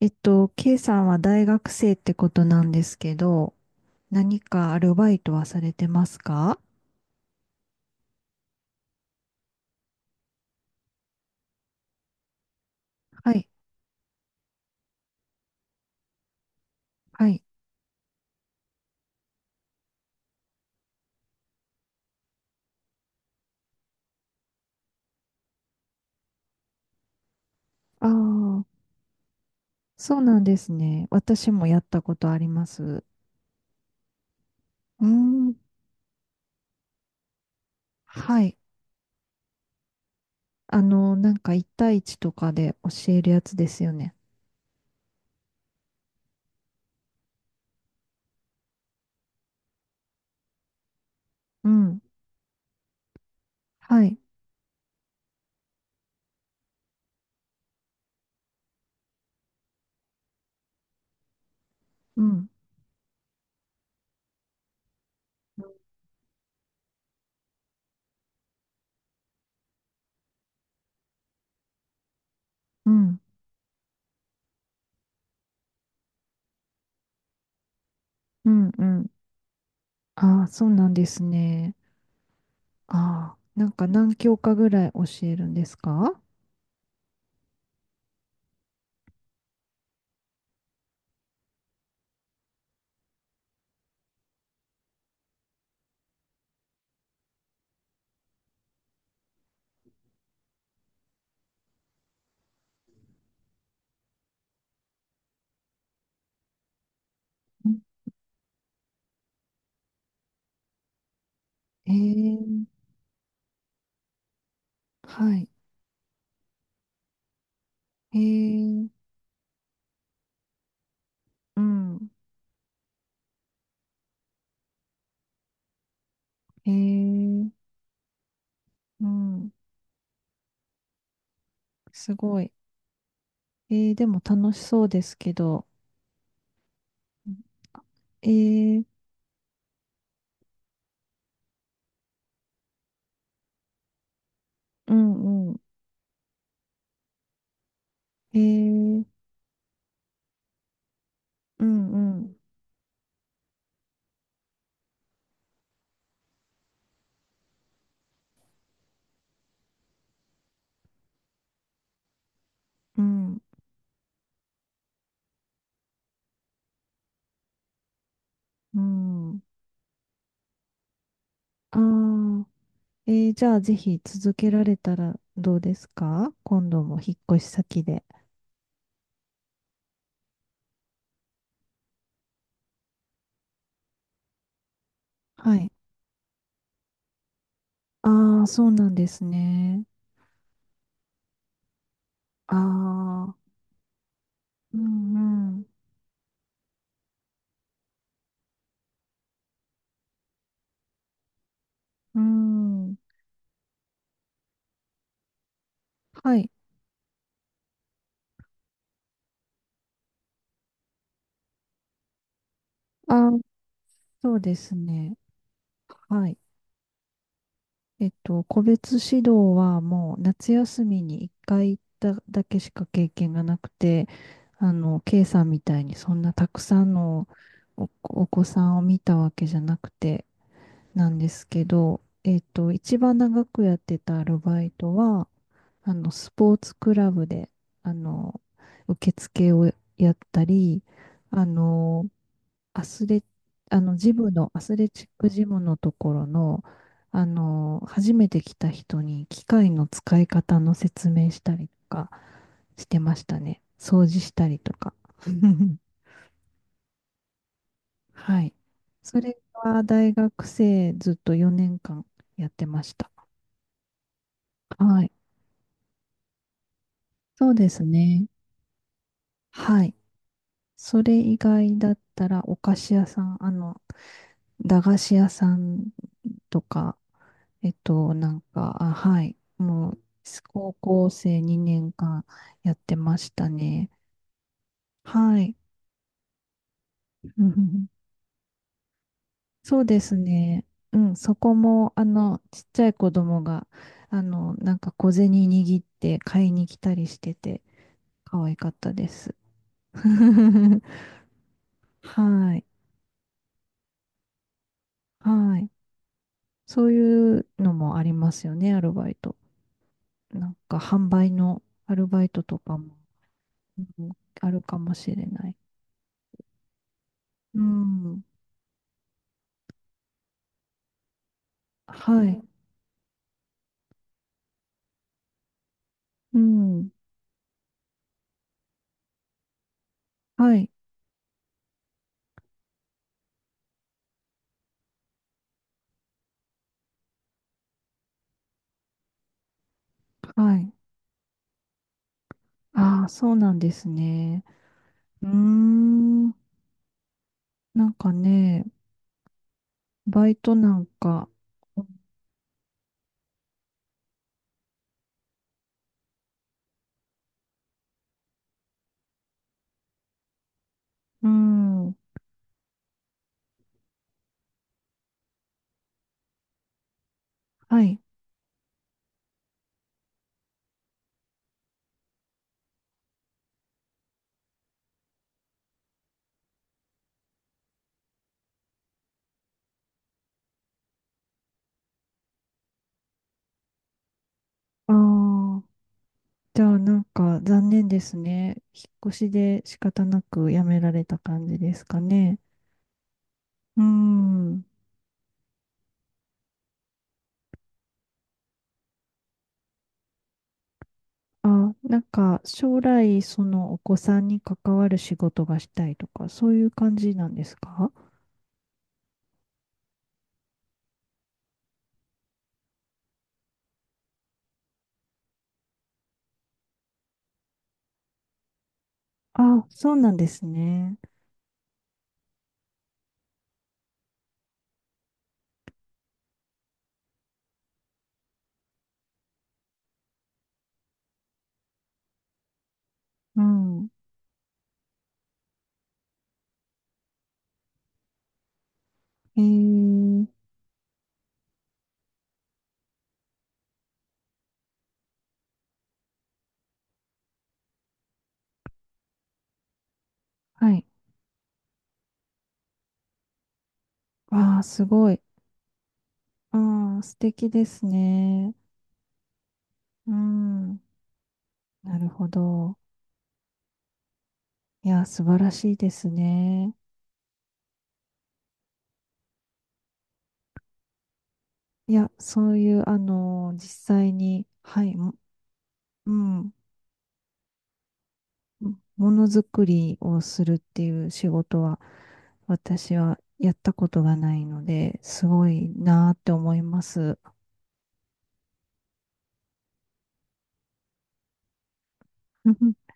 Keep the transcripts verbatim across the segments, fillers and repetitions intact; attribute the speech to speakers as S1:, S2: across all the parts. S1: えっと、K さんは大学生ってことなんですけど、何かアルバイトはされてますか？はい、はい。ああ、そうなんですね。私もやったことあります。うーん、はい。あの、なんかいち対いちとかで教えるやつですよね。うん、はい。うん、うん、うん、うん。ああ、そうなんですね。ああ、なんか何教科ぐらい教えるんですか？うん、ええ、はい。えー、うん。へえ、うん。すごい。えー、でも楽しそうですけど。えー、うんうん。えー、うんうん。うん。うん。ああ。えー、じゃあぜひ続けられたらどうですか？今度も引っ越し先で。はい。ああ、そうなんですね。ああ。うんうん。うん。はい。ああ、そうですね。はい。えっと、個別指導はもう夏休みにいっかい行っただけしか経験がなくて、あの、K さんみたいにそんなたくさんのお、お子さんを見たわけじゃなくてなんですけど、えっと、一番長くやってたアルバイトは、あの、スポーツクラブで、あの、受付をやったり、あの、アスレ、あの、ジムの、アスレチックジムのところの、あの、初めて来た人に機械の使い方の説明したりとかしてましたね。掃除したりとか。はい。それは大学生ずっとよねんかんやってました。はい。そうですね。はい。それ以外だったらお菓子屋さん、あの、駄菓子屋さんとか、えっと、なんか、あ、はい。もう、高校生にねんかんやってましたね。はい。うん、そうですね。うん、そこも、あの、ちっちゃい子供が、あの、なんか小銭握って買いに来たりしてて、可愛かったです。はい。はい。そういうのもありますよね、アルバイト。なんか、販売のアルバイトとかも、うん、あるかもしれない。うん。はい。うん。はい。はい。ああ、そうなんですね。うーん。なんかね、バイトなんか、うん。はい。ああ、じゃあなんか残念ですね。引っ越しで仕方なく辞められた感じですかね。うん。あ、なんか将来そのお子さんに関わる仕事がしたいとか、そういう感じなんですか？あ、そうなんですね。うん。えー、はい。わあ、すごい。ああ、素敵ですね。うん。なるほど。いや、素晴らしいですね。いや、そういう、あの、実際に、はい、もうん、ものづくりをするっていう仕事は、私はやったことがないので、すごいなーって思います。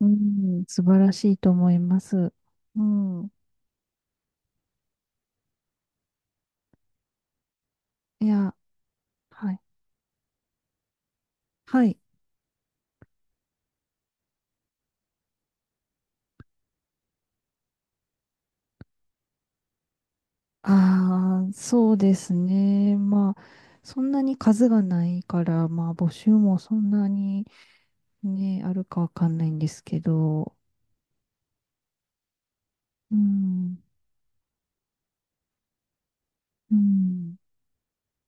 S1: うん、素晴らしいと思います。うん。いや、はい。はい。ああ、そうですね。まあ、そんなに数がないから、まあ、募集もそんなにね、あるかわかんないんですけど、うん、うん。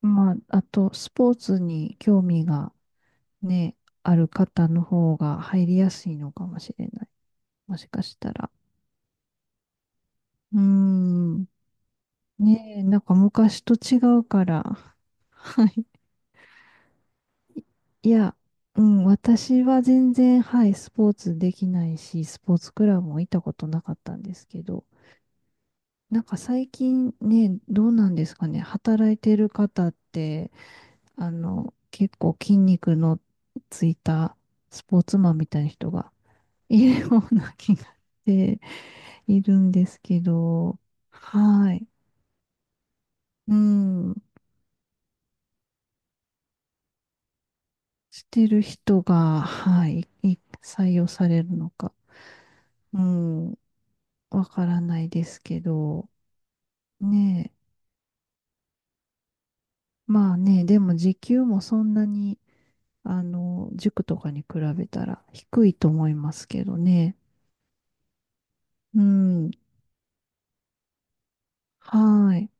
S1: まあ、あと、スポーツに興味がね、ある方の方が入りやすいのかもしれない。もしかしたら。うん。ねえ、なんか昔と違うから。はい。いや、うん、私は全然、はい、スポーツできないし、スポーツクラブも行ったことなかったんですけど、なんか最近ね、どうなんですかね、働いてる方って、あの、結構筋肉のついたスポーツマンみたいな人がいるような気がしているんですけど、はい、うん、してる人が、はい、い採用されるのか、うん、わからないですけど、ねえ、まあね、でも時給もそんなに、あの、塾とかに比べたら低いと思いますけどね。うん。はい。